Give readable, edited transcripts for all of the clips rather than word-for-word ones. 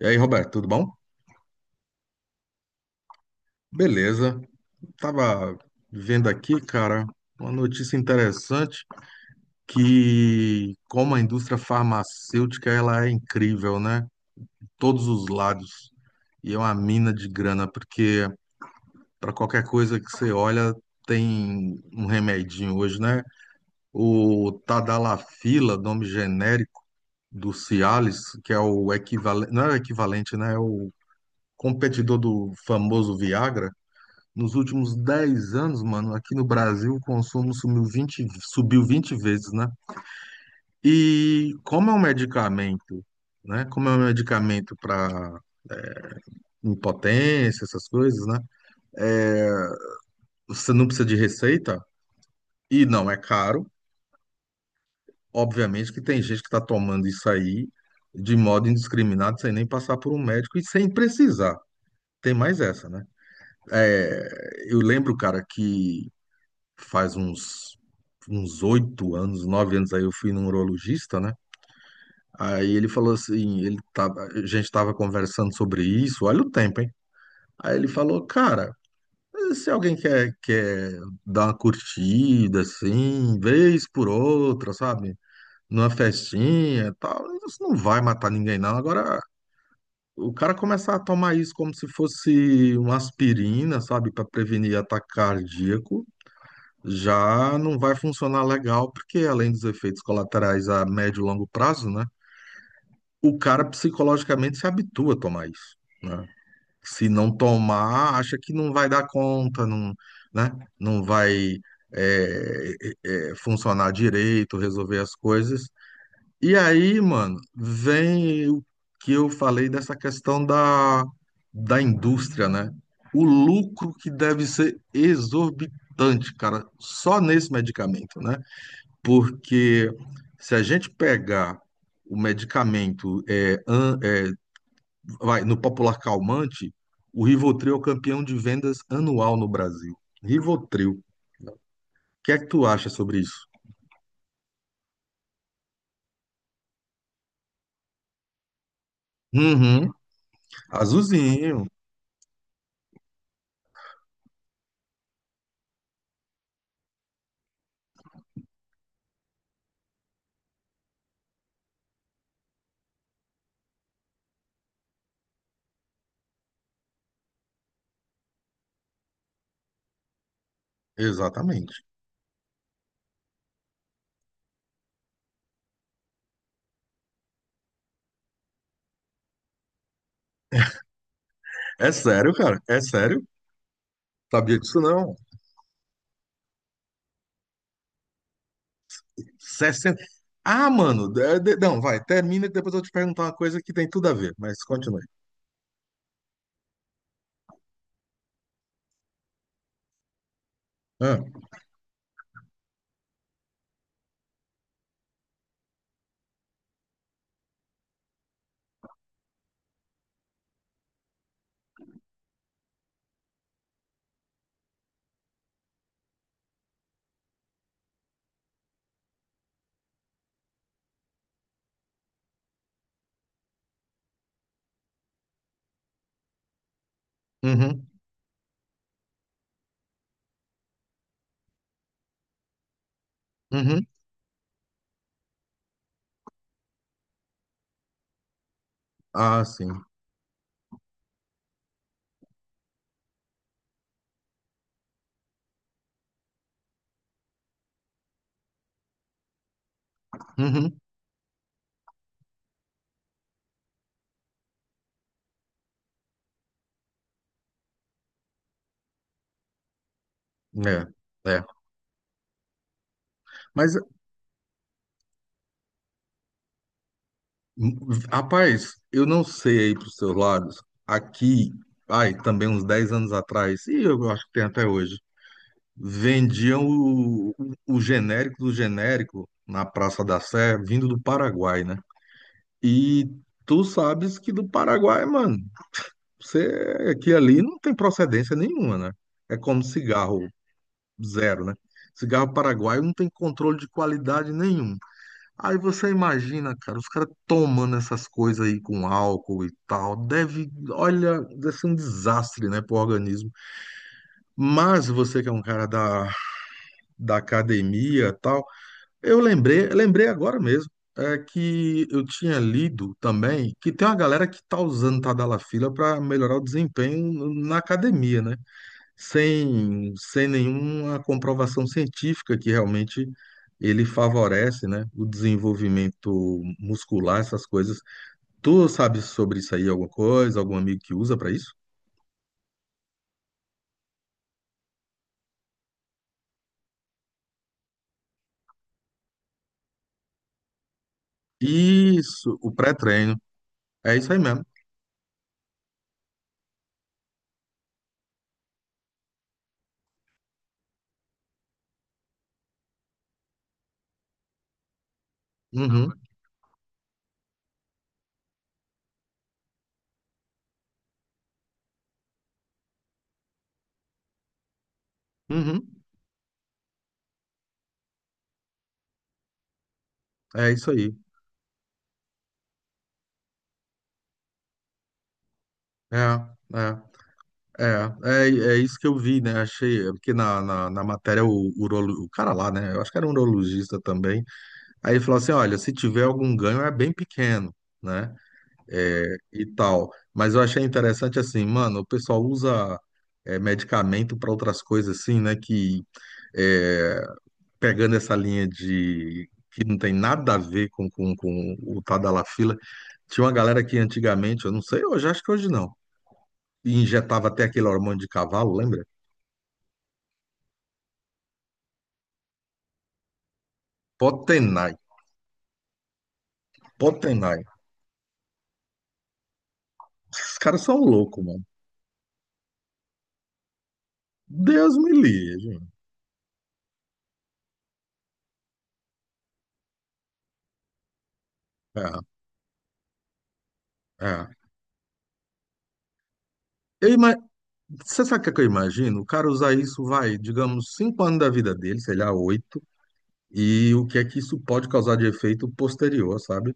E aí, Roberto, tudo bom? Beleza. Tava vendo aqui, cara, uma notícia interessante que como a indústria farmacêutica, ela é incrível, né? Todos os lados. E é uma mina de grana, porque para qualquer coisa que você olha, tem um remedinho hoje, né? O Tadalafila, nome genérico do Cialis, que é o equivalente, não é o equivalente, né? É o competidor do famoso Viagra. Nos últimos 10 anos, mano, aqui no Brasil, o consumo sumiu 20 subiu 20 vezes, né? E como é um medicamento, né? Como é um medicamento para impotência, essas coisas, né? É, você não precisa de receita e não é caro. Obviamente que tem gente que está tomando isso aí de modo indiscriminado, sem nem passar por um médico e sem precisar. Tem mais essa, né? É, eu lembro, cara, que faz uns 8 anos, 9 anos aí eu fui num urologista, né? Aí ele falou assim, ele tava, a gente tava conversando sobre isso, olha o tempo, hein? Aí ele falou, cara, se alguém quer dar uma curtida, assim, vez por outra, sabe? Numa festinha e tal, isso não vai matar ninguém, não. Agora, o cara começar a tomar isso como se fosse uma aspirina, sabe? Para prevenir ataque cardíaco, já não vai funcionar legal, porque além dos efeitos colaterais a médio e longo prazo, né, o cara psicologicamente se habitua a tomar isso, né? Se não tomar, acha que não vai dar conta, não, né, não vai é, funcionar direito, resolver as coisas, e aí, mano, vem o que eu falei dessa questão da indústria, né? O lucro que deve ser exorbitante, cara, só nesse medicamento, né? Porque se a gente pegar o medicamento, vai, no popular calmante, o Rivotril é o campeão de vendas anual no Brasil. Rivotril. O que é que tu acha sobre isso? Uhum. Azulzinho, exatamente. É sério, cara? É sério? Sabia disso não? 60. Ah, mano, não, vai, termina que depois eu vou te perguntar uma coisa que tem tudo a ver, mas continue. Ah, uhum, uhum. Ah, sim. Uhum. É, é. Mas, hum, rapaz, eu não sei aí pros seus lados. Aqui, ai, também uns 10 anos atrás, e eu acho que tem até hoje, vendiam o genérico do genérico na Praça da Sé, vindo do Paraguai, né? E tu sabes que do Paraguai, mano, você que ali não tem procedência nenhuma, né? É como cigarro zero, né? Cigarro paraguaio não tem controle de qualidade nenhum. Aí você imagina, cara, os caras tomando essas coisas aí com álcool e tal, deve, olha, deve ser um desastre, né, pro organismo. Mas você que é um cara da academia e tal, eu lembrei, lembrei agora mesmo, é que eu tinha lido também que tem uma galera que tá usando Tadalafila para melhorar o desempenho na academia, né? Sem nenhuma comprovação científica que realmente ele favorece, né, o desenvolvimento muscular, essas coisas. Tu sabe sobre isso aí alguma coisa, algum amigo que usa para isso? Isso, o pré-treino. É isso aí mesmo. Uhum, uhum, é isso aí. É, é. É, é isso que eu vi, né? Achei, é porque na matéria o, urolo, o cara lá, né? Eu acho que era um urologista também. Aí ele falou assim: olha, se tiver algum ganho é bem pequeno, né? É, e tal. Mas eu achei interessante assim, mano, o pessoal usa é, medicamento para outras coisas assim, né? Que é, pegando essa linha de que não tem nada a ver com o Tadalafila, tinha uma galera que antigamente, eu não sei hoje, acho que hoje não. E injetava até aquele hormônio de cavalo, lembra? Potenai, Potenai. Esses caras são loucos, mano. Deus me livre. É, é. Eu ima... Você sabe o que, é que eu imagino? O cara usar isso, vai, digamos, 5 anos da vida dele, sei lá, oito, e o que é que isso pode causar de efeito posterior, sabe?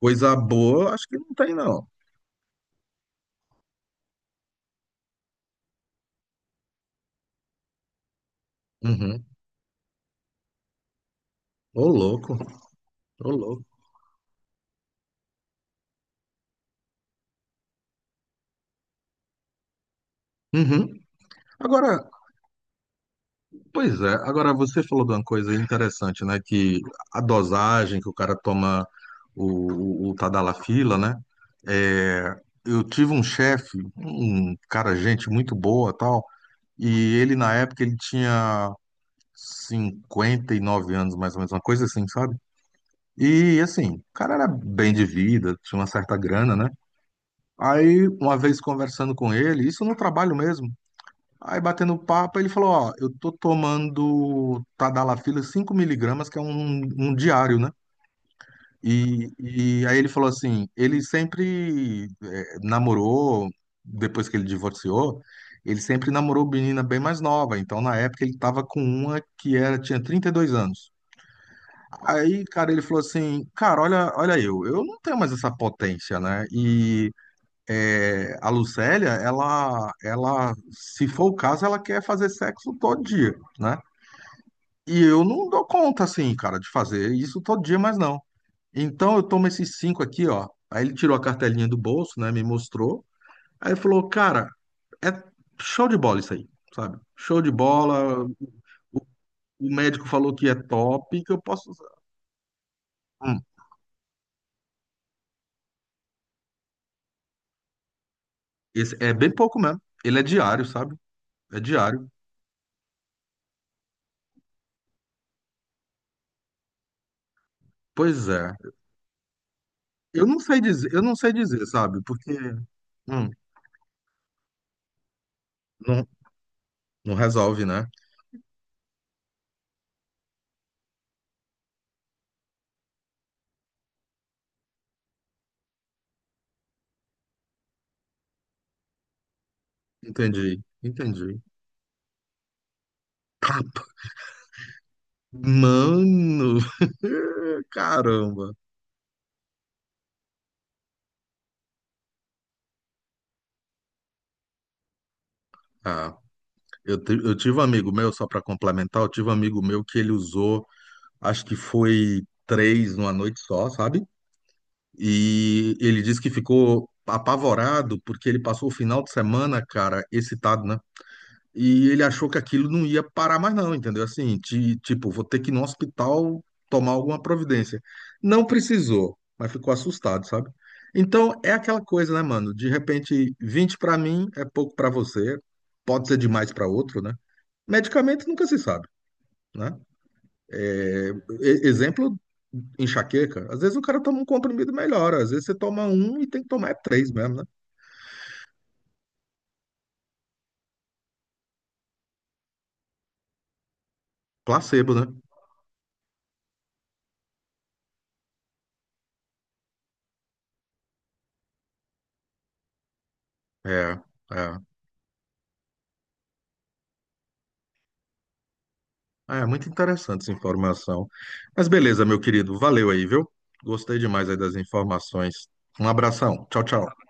Coisa boa, acho que não tem, não. Uhum. Ô, louco, ô, louco. Uhum. Agora, pois é, agora você falou de uma coisa interessante, né? Que a dosagem que o cara toma o Tadalafila, né? É, eu tive um chefe, um cara, gente muito boa tal, e ele na época ele tinha 59 anos, mais ou menos, uma coisa assim, sabe? E assim, o cara era bem de vida, tinha uma certa grana, né? Aí, uma vez conversando com ele, isso no trabalho mesmo. Aí batendo papo, ele falou, ó, eu tô tomando Tadalafila 5 mg que é um diário, né? E, e aí ele falou assim, ele sempre namorou, depois que ele divorciou, ele sempre namorou menina bem mais nova, então na época ele tava com uma que era, tinha 32 anos. Aí, cara, ele falou assim, cara, olha, eu não tenho mais essa potência, né? É, a Lucélia, ela, se for o caso, ela quer fazer sexo todo dia, né? E eu não dou conta, assim, cara, de fazer isso todo dia, mas não. Então eu tomo esses cinco aqui, ó. Aí ele tirou a cartelinha do bolso, né? Me mostrou. Aí falou, cara, é show de bola isso aí, sabe? Show de bola. O, o médico falou que é top, que eu posso usar. Hum, esse é bem pouco mesmo. Ele é diário, sabe? É diário. Pois é. Eu não sei dizer, eu não sei dizer, sabe? Porque hum, não, não resolve, né? Entendi, entendi. Tapa. Mano, caramba. Ah, eu, eu tive um amigo meu, só para complementar, eu tive um amigo meu que ele usou, acho que foi três numa noite só, sabe? E ele disse que ficou apavorado porque ele passou o final de semana, cara, excitado, né? E ele achou que aquilo não ia parar mais, não, entendeu? Assim, tipo, vou ter que ir no hospital tomar alguma providência. Não precisou, mas ficou assustado, sabe? Então, é aquela coisa, né, mano? De repente, 20 pra mim é pouco pra você, pode ser demais pra outro, né? Medicamento nunca se sabe, né? É, exemplo, enxaqueca. Às vezes o cara toma um comprimido e melhora, às vezes você toma um e tem que tomar é três mesmo, né? Placebo, né? É, é. Ah, é muito interessante essa informação. Mas beleza, meu querido, valeu aí, viu? Gostei demais aí das informações. Um abração. Tchau, tchau.